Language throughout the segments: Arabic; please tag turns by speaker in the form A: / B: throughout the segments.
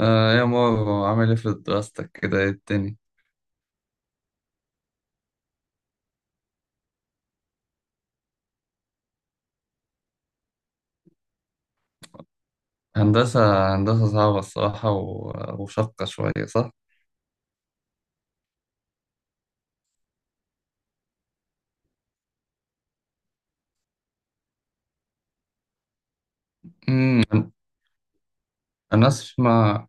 A: آه يا مارو، عامل ايه في دراستك؟ كده ايه الدنيا؟ هندسة هندسة صعبة الصراحة وشاقة شوية، صح؟ مم. أنا أسمع.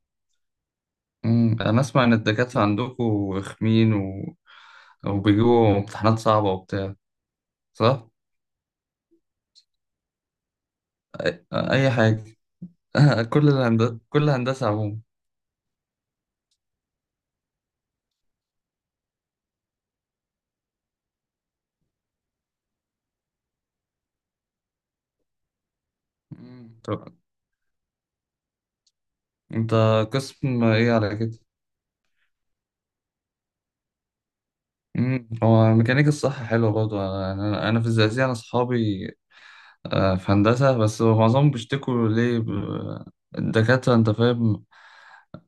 A: مم. أنا أسمع إن الدكاترة عندكوا رخمين، و... وبيجيبوا امتحانات صعبة وبتاع، صح؟ أي حاجة. كل الهندسة، كل هندسة عموما. مم. طب أنت قسم إيه على كده؟ مم. هو الميكانيكا الصح حلوة برضه. أنا في الزقازيق، أنا أصحابي آه، في هندسة، بس هو معظمهم بيشتكوا ليه الدكاترة، أنت فاهم.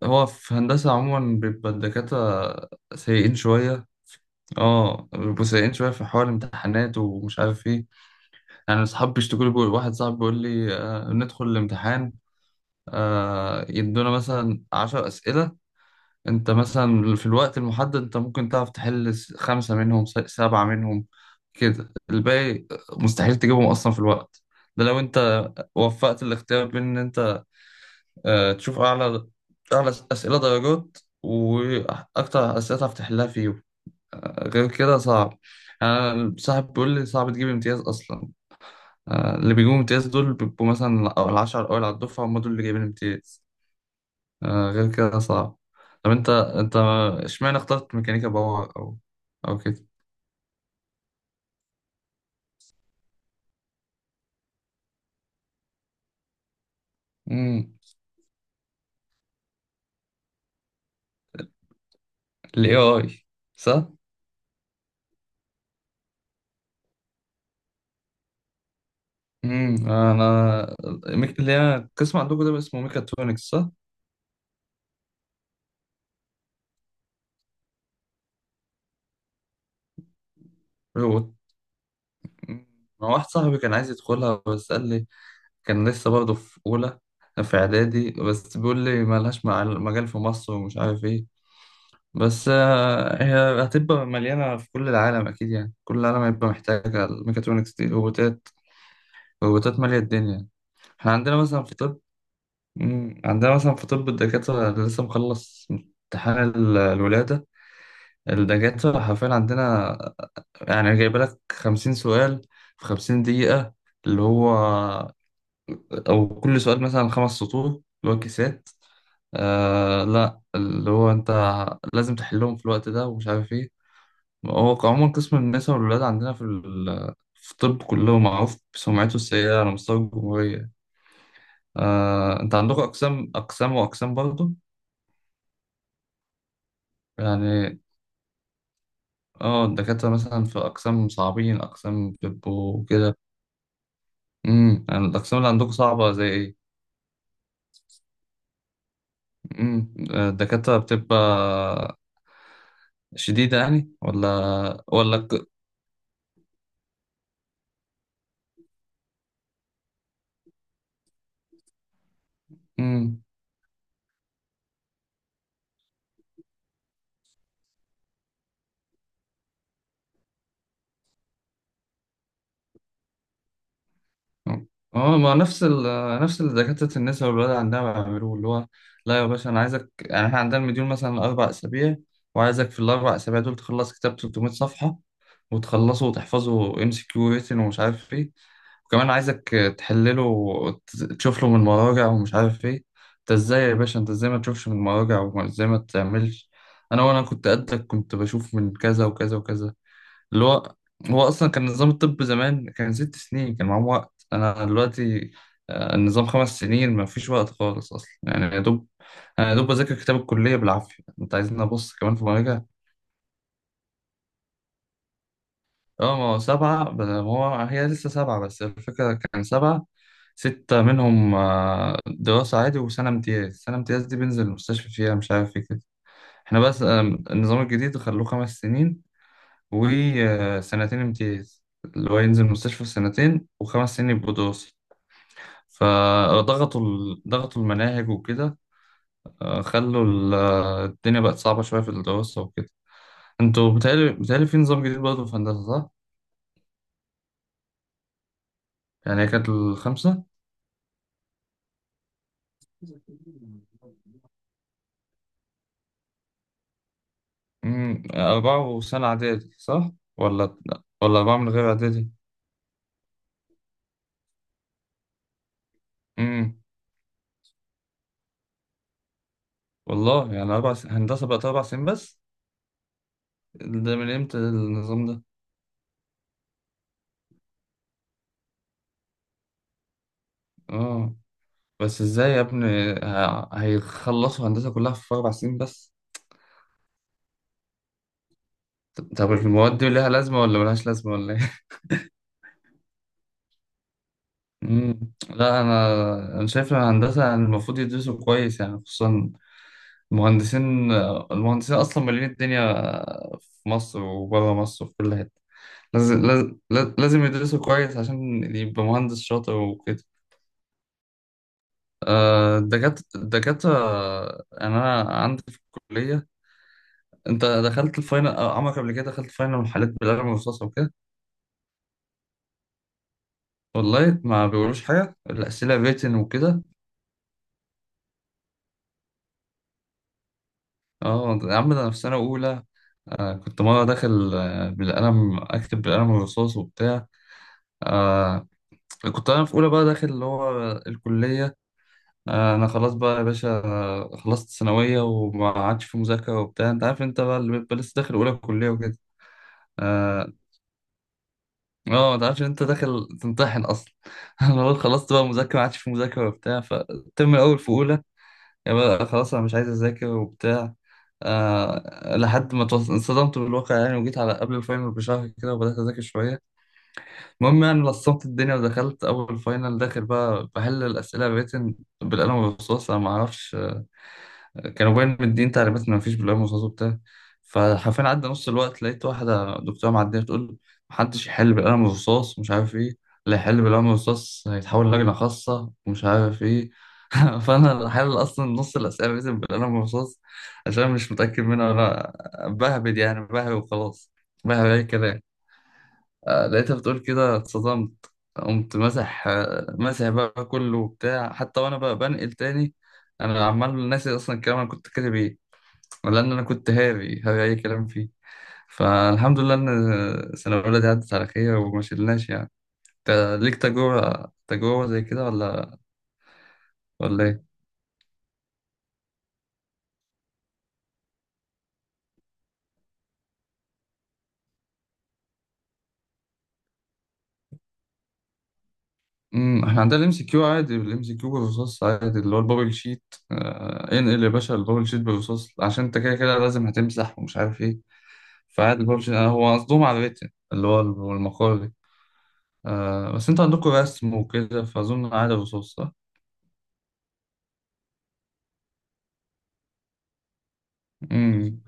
A: هو في هندسة عموما بيبقى الدكاترة سيئين شوية. اه بيبقوا سيئين شوية في حوار الامتحانات ومش عارف ايه. يعني أصحابي بيشتكوا لي، واحد صاحبي بيقول لي آه، ندخل الامتحان، آه، يدونا مثلا 10 أسئلة. أنت مثلا في الوقت المحدد أنت ممكن تعرف تحل خمسة منهم، سبعة منهم. كده الباقي مستحيل تجيبهم أصلا في الوقت. ده لو أنت وفقت الاختيار بين ان انت آه، تشوف أعلى أعلى أسئلة درجات وأكتر أسئلة تعرف تحلها فيهم. غير كده صعب. يعني أنا صاحب بيقول لي صعب تجيب امتياز أصلا. آه، اللي بيجيبوا امتياز دول بيبقوا مثلا أو العشرة الأوائل على الدفعة، هم دول اللي جايبين امتياز. آه، غير كده صعب. طب أنت، أنت إشمعنى اخترت ميكانيكا باور، أو كده؟ امم، ال AI، صح؟ امم. أنا اللي هي القسم عندكم ده اسمه ميكاترونكس، صح؟ ما واحد صاحبي كان عايز يدخلها، بس قال لي كان لسه برضه في أولى، في إعدادي، بس بيقول لي مالهاش مجال في مصر ومش عارف إيه. بس آه، هي هتبقى مليانة في كل العالم أكيد، يعني كل العالم هيبقى محتاجة الميكاترونكس دي. روبوتات، روبوتات مالية الدنيا. إحنا عندنا مثلا في طب، مم، عندنا مثلا في طب الدكاترة اللي لسه مخلص امتحان الولادة، الدكاترة حرفيا عندنا، يعني جايبة لك 50 سؤال في 50 دقيقة، اللي هو او كل سؤال مثلا 5 سطور، اللي هو كيسات. آه لا، اللي هو انت لازم تحلهم في الوقت ده ومش عارف ايه. هو عموما قسم النساء والولاد عندنا في في الطب كله معروف بسمعته السيئة على مستوى الجمهورية. آه انت عندك اقسام، اقسام واقسام برضه. يعني اه الدكاترة مثلا في اقسام صعبين، اقسام بيبقوا كده. امم، يعني الاقسام اللي عندكم صعبة زي ايه؟ امم، الدكاترة بتبقى شديدة يعني ولا. امم، اه ما نفس ال نفس اللي دكاترة النساء والولاد عندنا بيعملوه، اللي هو لا يا باشا انا عايزك. يعني احنا عندنا المديول مثلا 4 اسابيع، وعايزك في ال4 اسابيع دول تخلص كتاب 300 صفحة، وتخلصه وتحفظه ام سي كيو ريتن ومش عارف ايه. وكمان عايزك تحلله وتشوف له من المراجع ومش عارف ايه. انت ازاي يا باشا، انت ازاي ما تشوفش من المراجع وازاي ما تعملش؟ انا وانا كنت قدك كنت بشوف من كذا وكذا وكذا، اللي هو، هو اصلا كان نظام الطب زمان كان 6 سنين، كان معاهم وقت. انا دلوقتي آه، النظام 5 سنين، ما فيش وقت خالص اصلا، يعني يا دوب. انا يا دوب بذاكر كتاب الكليه بالعافيه، انت عايزين ابص كمان في مراجعه. اه ما هو سبعه هو هي لسه سبعه، بس الفكره كان سبعه، ستة منهم آه، دراسة عادي، وسنة امتياز. سنة امتياز دي بنزل المستشفى فيها مش عارف ايه كده. احنا بس آم، النظام الجديد خلوه 5 سنين وسنتين امتياز، اللي هو ينزل مستشفى سنتين وخمس سنين يبقوا دراسي. فضغطوا ضغطوا المناهج وكده، آه، خلوا الدنيا بقت صعبة شوية في الدراسة وكده. انتوا بتهيألي في نظام جديد برضه في هندسة، صح؟ يعني هي كانت الخمسة. امم، أربعة وسنة إعدادي، صح؟ ولا ولا أربعة من غير إعدادي؟ امم، والله يعني أربع س... هندسة بقت 4 سنين بس؟ ده من إمتى النظام ده؟ اه بس ازاي يا ابني هيخلصوا هندسة كلها في 4 سنين بس؟ طب المواد دي ليها لازمة، ولا ملهاش لازمة، ولا ايه؟ مم. لا أنا شايف إن الهندسة، يعني المفروض يدرسوا كويس يعني خصوصا المهندسين. المهندسين أصلا مالين الدنيا في مصر وبره مصر وفي كل حتة. لازم، لازم، لازم يدرسوا كويس عشان يبقى مهندس شاطر وكده. آه، الدكاترة أنا عندي في الكلية. انت دخلت الفاينل أو عمرك قبل كده دخلت فاينل محلات بالقلم الرصاص وكده؟ والله ما بيقولوش حاجه، الاسئله ريتن وكده. اه يا عم ده انا في سنه اولى آه كنت مره داخل آه بالقلم، اكتب بالقلم الرصاص وبتاع. آه كنت انا في اولى بقى داخل اللي هو الكليه، آه انا خلاص بقى يا باشا آه، خلصت ثانويه وما عادش في مذاكره وبتاع. انت عارف انت بقى اللي بيبقى لسه داخل اولى كليه وكده، آه، اه ما تعرفش إن انت داخل تمتحن اصلا. انا بقول خلصت بقى مذاكره، ما عادش في مذاكره وبتاع، فالترم الاول في اولى يعني بقى خلاص انا مش عايز اذاكر وبتاع. آه لحد ما انصدمت بالواقع يعني، وجيت على قبل الفاينل بشهر كده وبدات اذاكر شويه. المهم يعني لصمت الدنيا ودخلت اول فاينل، داخل بقى بحل الاسئله الريتن بالقلم والرصاص، انا ما اعرفش كانوا باين مدين تعليمات ان مفيش بلاوي مصاص وبتاع. فحرفيا عدى نص الوقت لقيت واحده دكتوره معديه بتقول محدش يحل بالقلم الرصاص مش عارف ايه، اللي يحل بالقلم الرصاص هيتحول لجنه خاصه ومش عارف ايه. فانا اللي حل اصلا نص الاسئله لازم بالقلم الرصاص عشان مش متاكد منها، ولا بهبد يعني، بهبد وخلاص، بهبد اي كلام. آه، لقيتها بتقول كده اتصدمت، قمت مسح آه، مسح بقى كله وبتاع، حتى وانا بقى بنقل تاني انا عمال ناسي اصلا الكلام انا كنت كاتب ايه، لأن أنا كنت هاوي هاوي أي كلام فيه. فالحمد لله إن سنة أولى دي عدت على خير وما شلناش يعني. أنت ليك تجربة زي كده ولا إيه؟ امم، احنا عندنا الام سي كيو عادي، الام سي كيو بالرصاص عادي، اللي هو البابل شيت. آه، انقل يا باشا البابل شيت بالرصاص عشان انت كده كده لازم هتمسح ومش عارف ايه. فعادي البابل شيت. آه، هو قصدهم على الريتن اللي هو المقالي. آه، بس انتوا عندكم رسم وكده فاظن عادي الرصاص، صح؟ امم.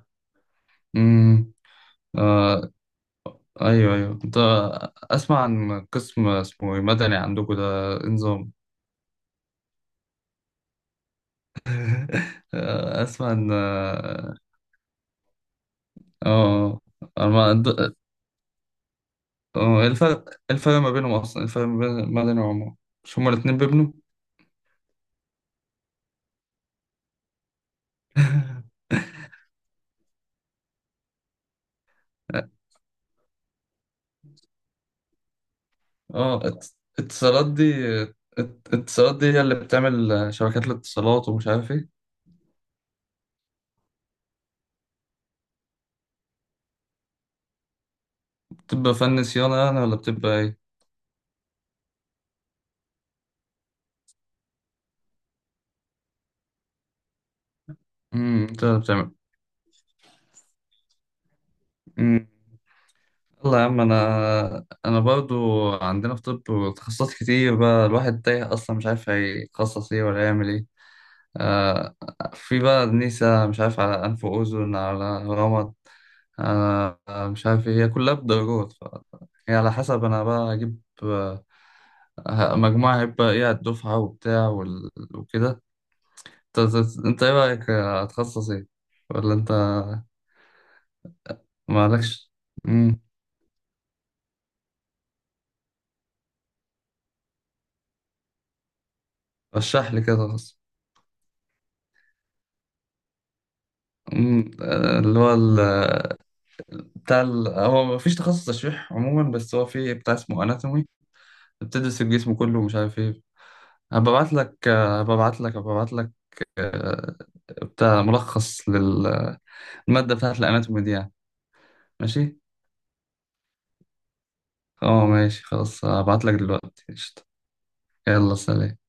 A: امم. ايوه، ايوه انت، اسمع عن قسم اسمه إيه؟ مدني عندكم ده، إيه نظام؟ آه، اسمع ان اه، آه، آه. أنا آه، إيه الفرق، إيه الفرق ما بينهم اصلا، إيه الفرق ما بين مدني وعمارة؟ مش هما الاتنين بيبنوا؟ اه اتصالات دي، اتصالات دي هي اللي بتعمل شبكات الاتصالات ومش عارف ايه. بتبقى فن صيانة يعني ولا بتبقى ايه؟ امم، انت اللي بتعمل. يلا يا عم، انا برضو عندنا في طب تخصصات كتير بقى، الواحد تايه اصلا مش عارف هيتخصص ايه ولا يعمل ايه. آه في بقى نيسة، مش عارف على انف واذن، على رمد، آه مش عارف ايه، هي كلها بدرجات، ف... يعني على حسب انا بقى هجيب آه، مجموعة هيبقى ايه على الدفعة وبتاع وال... وكده. انت ايه رأيك آه، هتخصص ايه، ولا انت مالكش؟ مم. رشح لي كده. أمم، آه، اللي هو بتاع ال... هو مفيش تخصص تشريح عموما، بس هو في بتاع اسمه اناتومي، بتدرس الجسم كله ومش عارف ايه. هبعت لك آه، بتاع ملخص للمادة بتاعت الاناتومي دي يعني. ماشي. اه ماشي خلاص، هبعت لك دلوقتي، قشطة. يلا سلام.